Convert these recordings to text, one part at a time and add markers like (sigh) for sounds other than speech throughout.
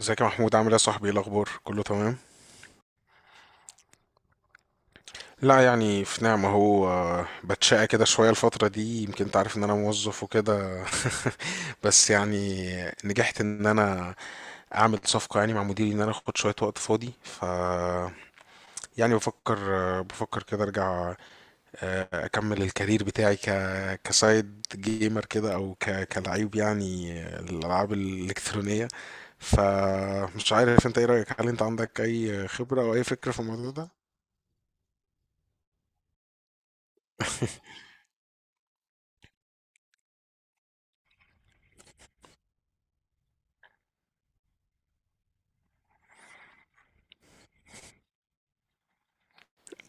ازيك يا محمود؟ عامل ايه يا صاحبي؟ ايه الاخبار؟ كله تمام؟ لا، يعني في نعمة. هو بتشقى كده شوية الفترة دي. يمكن انت عارف ان انا موظف وكده. (laughs) بس يعني نجحت ان انا اعمل صفقة يعني مع مديري، ان انا اخد شوية وقت فاضي. ف يعني بفكر كده ارجع، اكمل الكارير بتاعي كسايد جيمر كده، او كلعيب يعني، الالعاب الالكترونية. فمش عارف انت، ايه رأيك؟ هل انت عندك اي خبرة او اي فكرة في الموضوع ده؟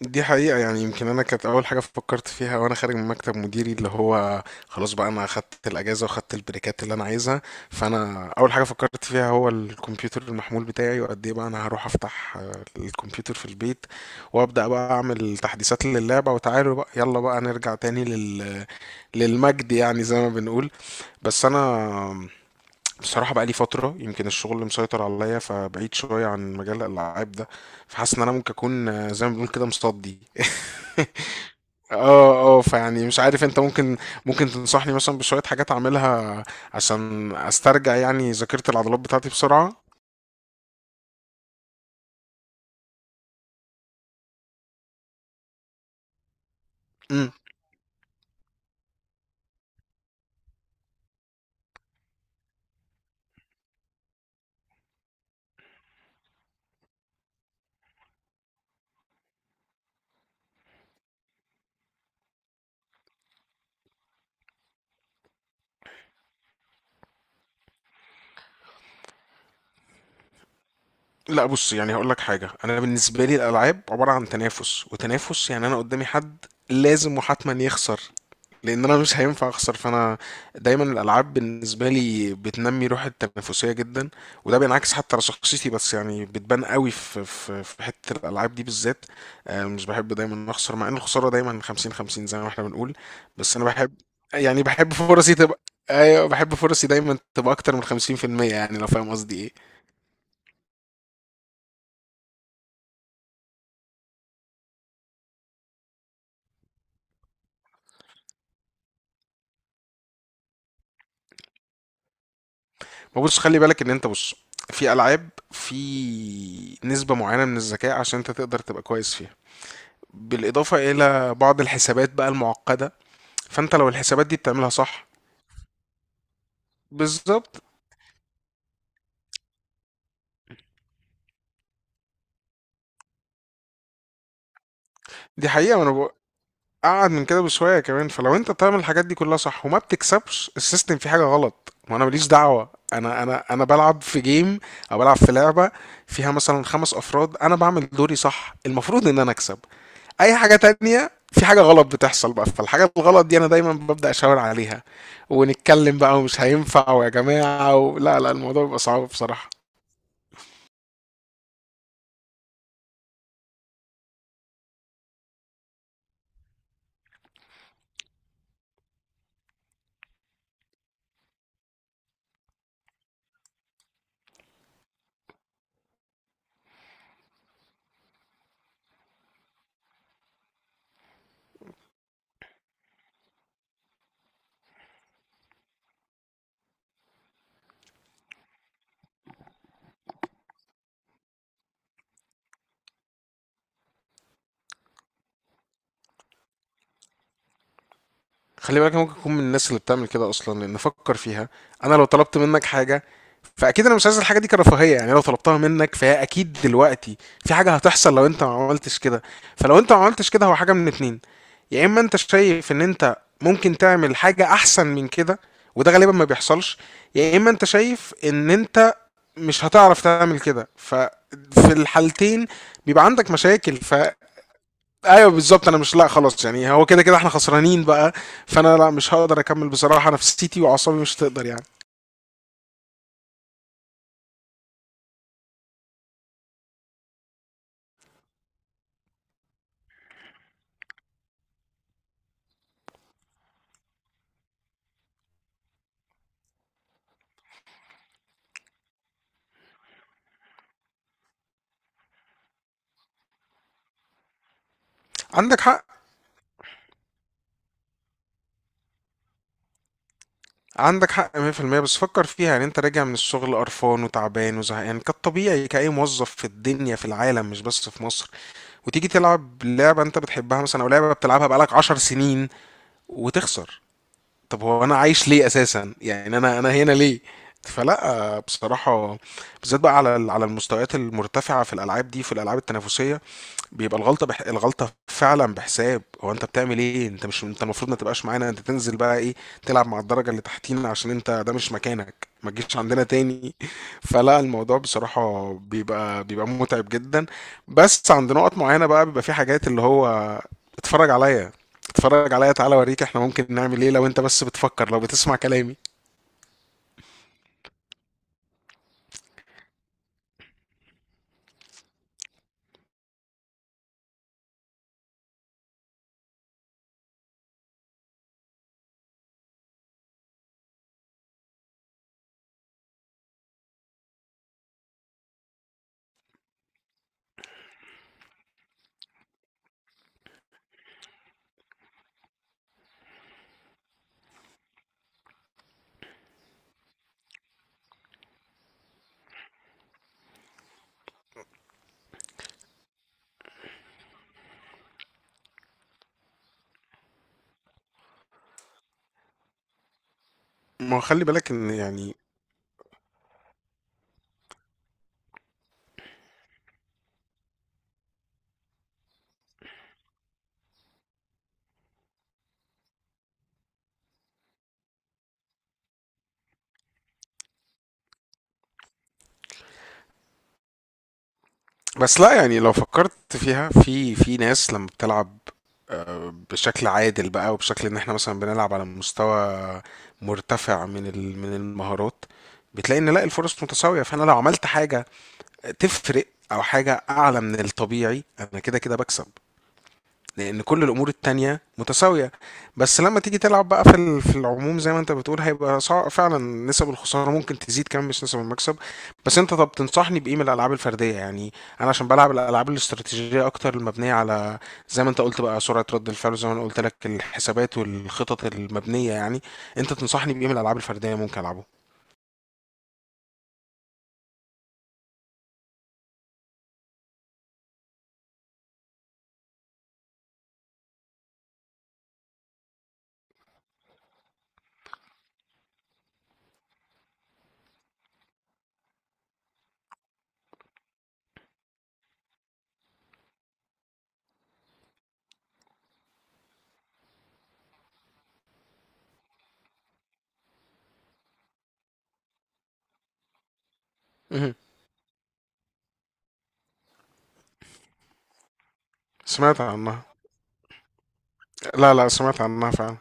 دي حقيقة، يعني يمكن أنا كانت أول حاجة فكرت فيها وأنا خارج من مكتب مديري، اللي هو خلاص بقى أنا أخدت الأجازة وأخدت البريكات اللي أنا عايزها. فأنا أول حاجة فكرت فيها هو الكمبيوتر المحمول بتاعي، وقد إيه بقى أنا هروح أفتح الكمبيوتر في البيت، وأبدأ بقى أعمل تحديثات للعبة. وتعالوا بقى يلا بقى نرجع تاني للمجد يعني، زي ما بنقول. بس أنا بصراحة بقى لي فترة يمكن الشغل مسيطر عليا، فبعيد شوية عن مجال الألعاب ده. فحاسس إن أنا ممكن أكون زي ما بنقول كده مصدي. (laughs) اه اه، فيعني مش عارف انت، ممكن ممكن تنصحني مثلا بشوية حاجات اعملها عشان استرجع يعني ذاكرة العضلات بتاعتي بسرعة. امم. لا بص، يعني هقول لك حاجة. انا بالنسبة لي الالعاب عبارة عن تنافس وتنافس. يعني انا قدامي حد لازم وحتما يخسر، لان انا مش هينفع اخسر. فانا دايما الالعاب بالنسبه لي بتنمي روح التنافسيه جدا، وده بينعكس حتى على شخصيتي. بس يعني بتبان قوي في حته الالعاب دي بالذات. مش بحب دايما اخسر، مع ان الخساره دايما 50-50 زي ما احنا بنقول. بس انا بحب، يعني بحب فرصي تبقى، ايوه بحب فرصي دايما تبقى اكتر من 50%. يعني لو فاهم قصدي ايه. ما بص، خلي بالك ان انت، بص، في العاب في نسبه معينه من الذكاء عشان انت تقدر تبقى كويس فيها، بالإضافة إلى بعض الحسابات بقى المعقدة. فأنت لو الحسابات دي بتعملها صح... بالظبط. دي حقيقة، ما أنا بقول. أقعد من كده بشوية كمان. فلو أنت بتعمل الحاجات دي كلها صح وما بتكسبش، السيستم فيه حاجة غلط. وأنا ماليش دعوة، أنا بلعب في جيم أو بلعب في لعبة فيها مثلا خمس أفراد. أنا بعمل دوري صح، المفروض إن أنا أكسب. أي حاجة تانية، في حاجة غلط بتحصل بقى. فالحاجة الغلط دي أنا دايما ببدأ أشاور عليها، ونتكلم بقى، ومش هينفع ويا جماعة لا لا، الموضوع بيبقى صعب بصراحة. خلي بالك أنا ممكن اكون من الناس اللي بتعمل كده اصلا. لان فكر فيها، انا لو طلبت منك حاجه، فاكيد انا مش عايز الحاجه دي كرفاهيه. يعني لو طلبتها منك فهي اكيد دلوقتي في حاجه هتحصل لو انت ما عملتش كده. فلو انت ما عملتش كده، هو حاجه من اتنين: يا اما انت شايف ان انت ممكن تعمل حاجه احسن من كده، وده غالبا ما بيحصلش، يا اما انت شايف ان انت مش هتعرف تعمل كده. ففي الحالتين بيبقى عندك مشاكل. ايوه بالظبط. انا مش، لا خلاص، يعني هو كده كده احنا خسرانين بقى. فانا لا، مش هقدر اكمل بصراحه. نفسيتي واعصابي مش هتقدر يعني. عندك حق. عندك حق 100%. بس فكر فيها يعني. انت راجع من الشغل قرفان وتعبان وزهقان، كالطبيعي كأي موظف في الدنيا في العالم مش بس في مصر، وتيجي تلعب لعبه انت بتحبها مثلا، او لعبه بتلعبها بقالك 10 سنين، وتخسر. طب هو انا عايش ليه اساسا؟ يعني انا هنا ليه؟ فلا بصراحه، بالذات بقى على المستويات المرتفعه في الالعاب دي، في الالعاب التنافسيه، بيبقى الغلطة فعلا بحساب. هو انت بتعمل ايه؟ انت مش، انت المفروض ما تبقاش معانا. انت تنزل بقى، ايه، تلعب مع الدرجة اللي تحتينا، عشان انت ده مش مكانك، ما تجيش عندنا تاني. (laughs) فلا الموضوع بصراحة بيبقى متعب جدا. بس عند نقط معينة بقى بيبقى في حاجات، اللي هو اتفرج عليا، اتفرج عليا، تعالى اوريك احنا ممكن نعمل ايه، لو انت بس بتفكر، لو بتسمع كلامي. ما هو خلي بالك ان يعني، بس لا يعني لو فكرت فيها، في ناس لما بتلعب بشكل عادل بقى، وبشكل ان احنا مثلا بنلعب على مستوى مرتفع من المهارات، بتلاقي ان لا، الفرص متساوية. فانا لو عملت حاجة تفرق، او حاجة اعلى من الطبيعي، انا كده كده بكسب، لان كل الامور التانية متساوية. بس لما تيجي تلعب بقى في العموم، زي ما انت بتقول هيبقى صعب فعلا. نسب الخسارة ممكن تزيد كمان، مش نسب المكسب. بس انت طب تنصحني بايه من الالعاب الفردية يعني؟ انا عشان بلعب الالعاب الاستراتيجية اكتر، المبنية على، زي ما انت قلت بقى، سرعة رد الفعل، زي ما انا قلت لك، الحسابات والخطط المبنية يعني. انت تنصحني بايه من الالعاب الفردية ممكن العبه؟ مهم. سمعت عنها. لا لا، سمعت عنها فعلا.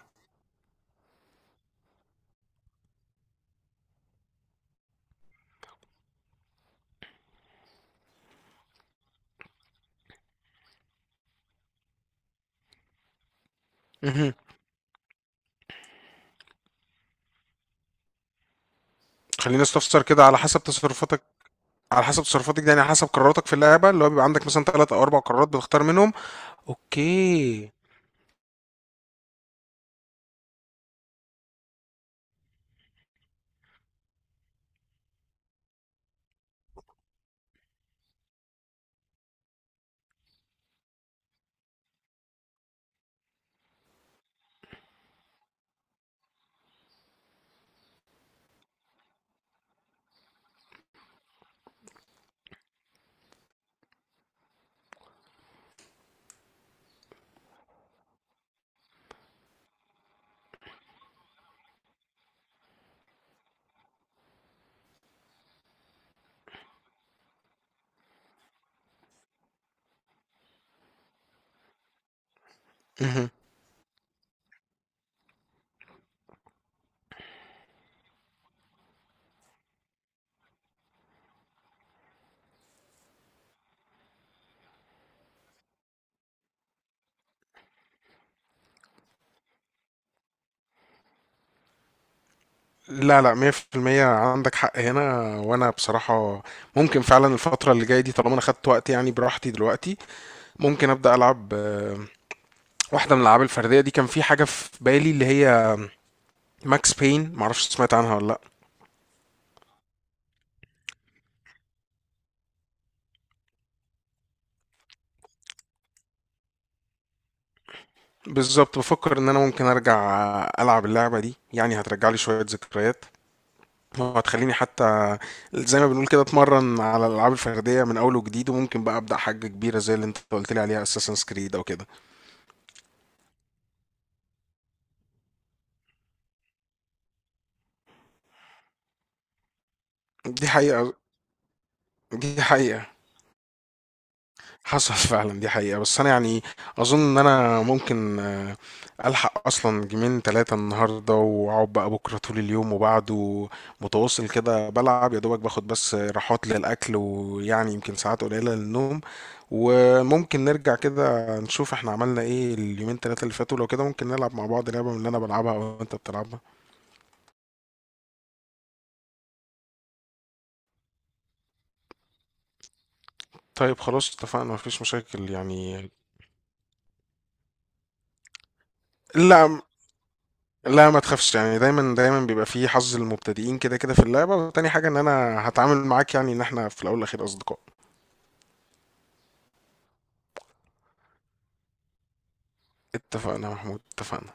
مهم. خليني استفسر كده، على حسب تصرفاتك؟ على حسب تصرفاتك دي يعني على حسب قراراتك في اللعبة، اللي هو بيبقى عندك مثلا ثلاث أو أربع قرارات بتختار منهم؟ أوكي. مهم. لا لا، 100%. عندك حق هنا. وأنا بصراحة ممكن فعلا الفترة اللي جاية دي، طالما أنا خدت وقت يعني براحتي دلوقتي، ممكن أبدأ ألعب واحدة من الألعاب الفردية دي. كان في حاجة في بالي اللي هي ماكس بين، معرفش سمعت عنها ولا لأ. بالظبط، بفكر إن أنا ممكن أرجع ألعب اللعبة دي، يعني هترجع لي شوية ذكريات، وهتخليني حتى زي ما بنقول كده اتمرن على الالعاب الفرديه من اول وجديد. وممكن بقى ابدا حاجه كبيره زي اللي انت قلت لي عليها، اساسن كريد او كده. دي حقيقه. دي حقيقه. حصل (laughs) فعلا. دي حقيقة، بس أنا يعني أظن إن أنا ممكن ألحق أصلا جيمين تلاتة النهاردة، وأقعد بقى بكرة طول اليوم وبعده متواصل كده بلعب، يا دوبك باخد بس راحات للأكل، ويعني يمكن ساعات قليلة للنوم. وممكن نرجع كده نشوف احنا عملنا ايه اليومين تلاتة اللي فاتوا. لو كده ممكن نلعب مع بعض لعبة، من اللي أنا بلعبها أو أنت بتلعبها. طيب خلاص، اتفقنا، مفيش مشاكل يعني. لا. لا ما تخافش يعني، دايما دايما بيبقى فيه حظ المبتدئين كده كده في اللعبة، وتاني حاجة ان انا هتعامل معاك يعني ان احنا في الاول والاخير اصدقاء. اتفقنا يا محمود، اتفقنا.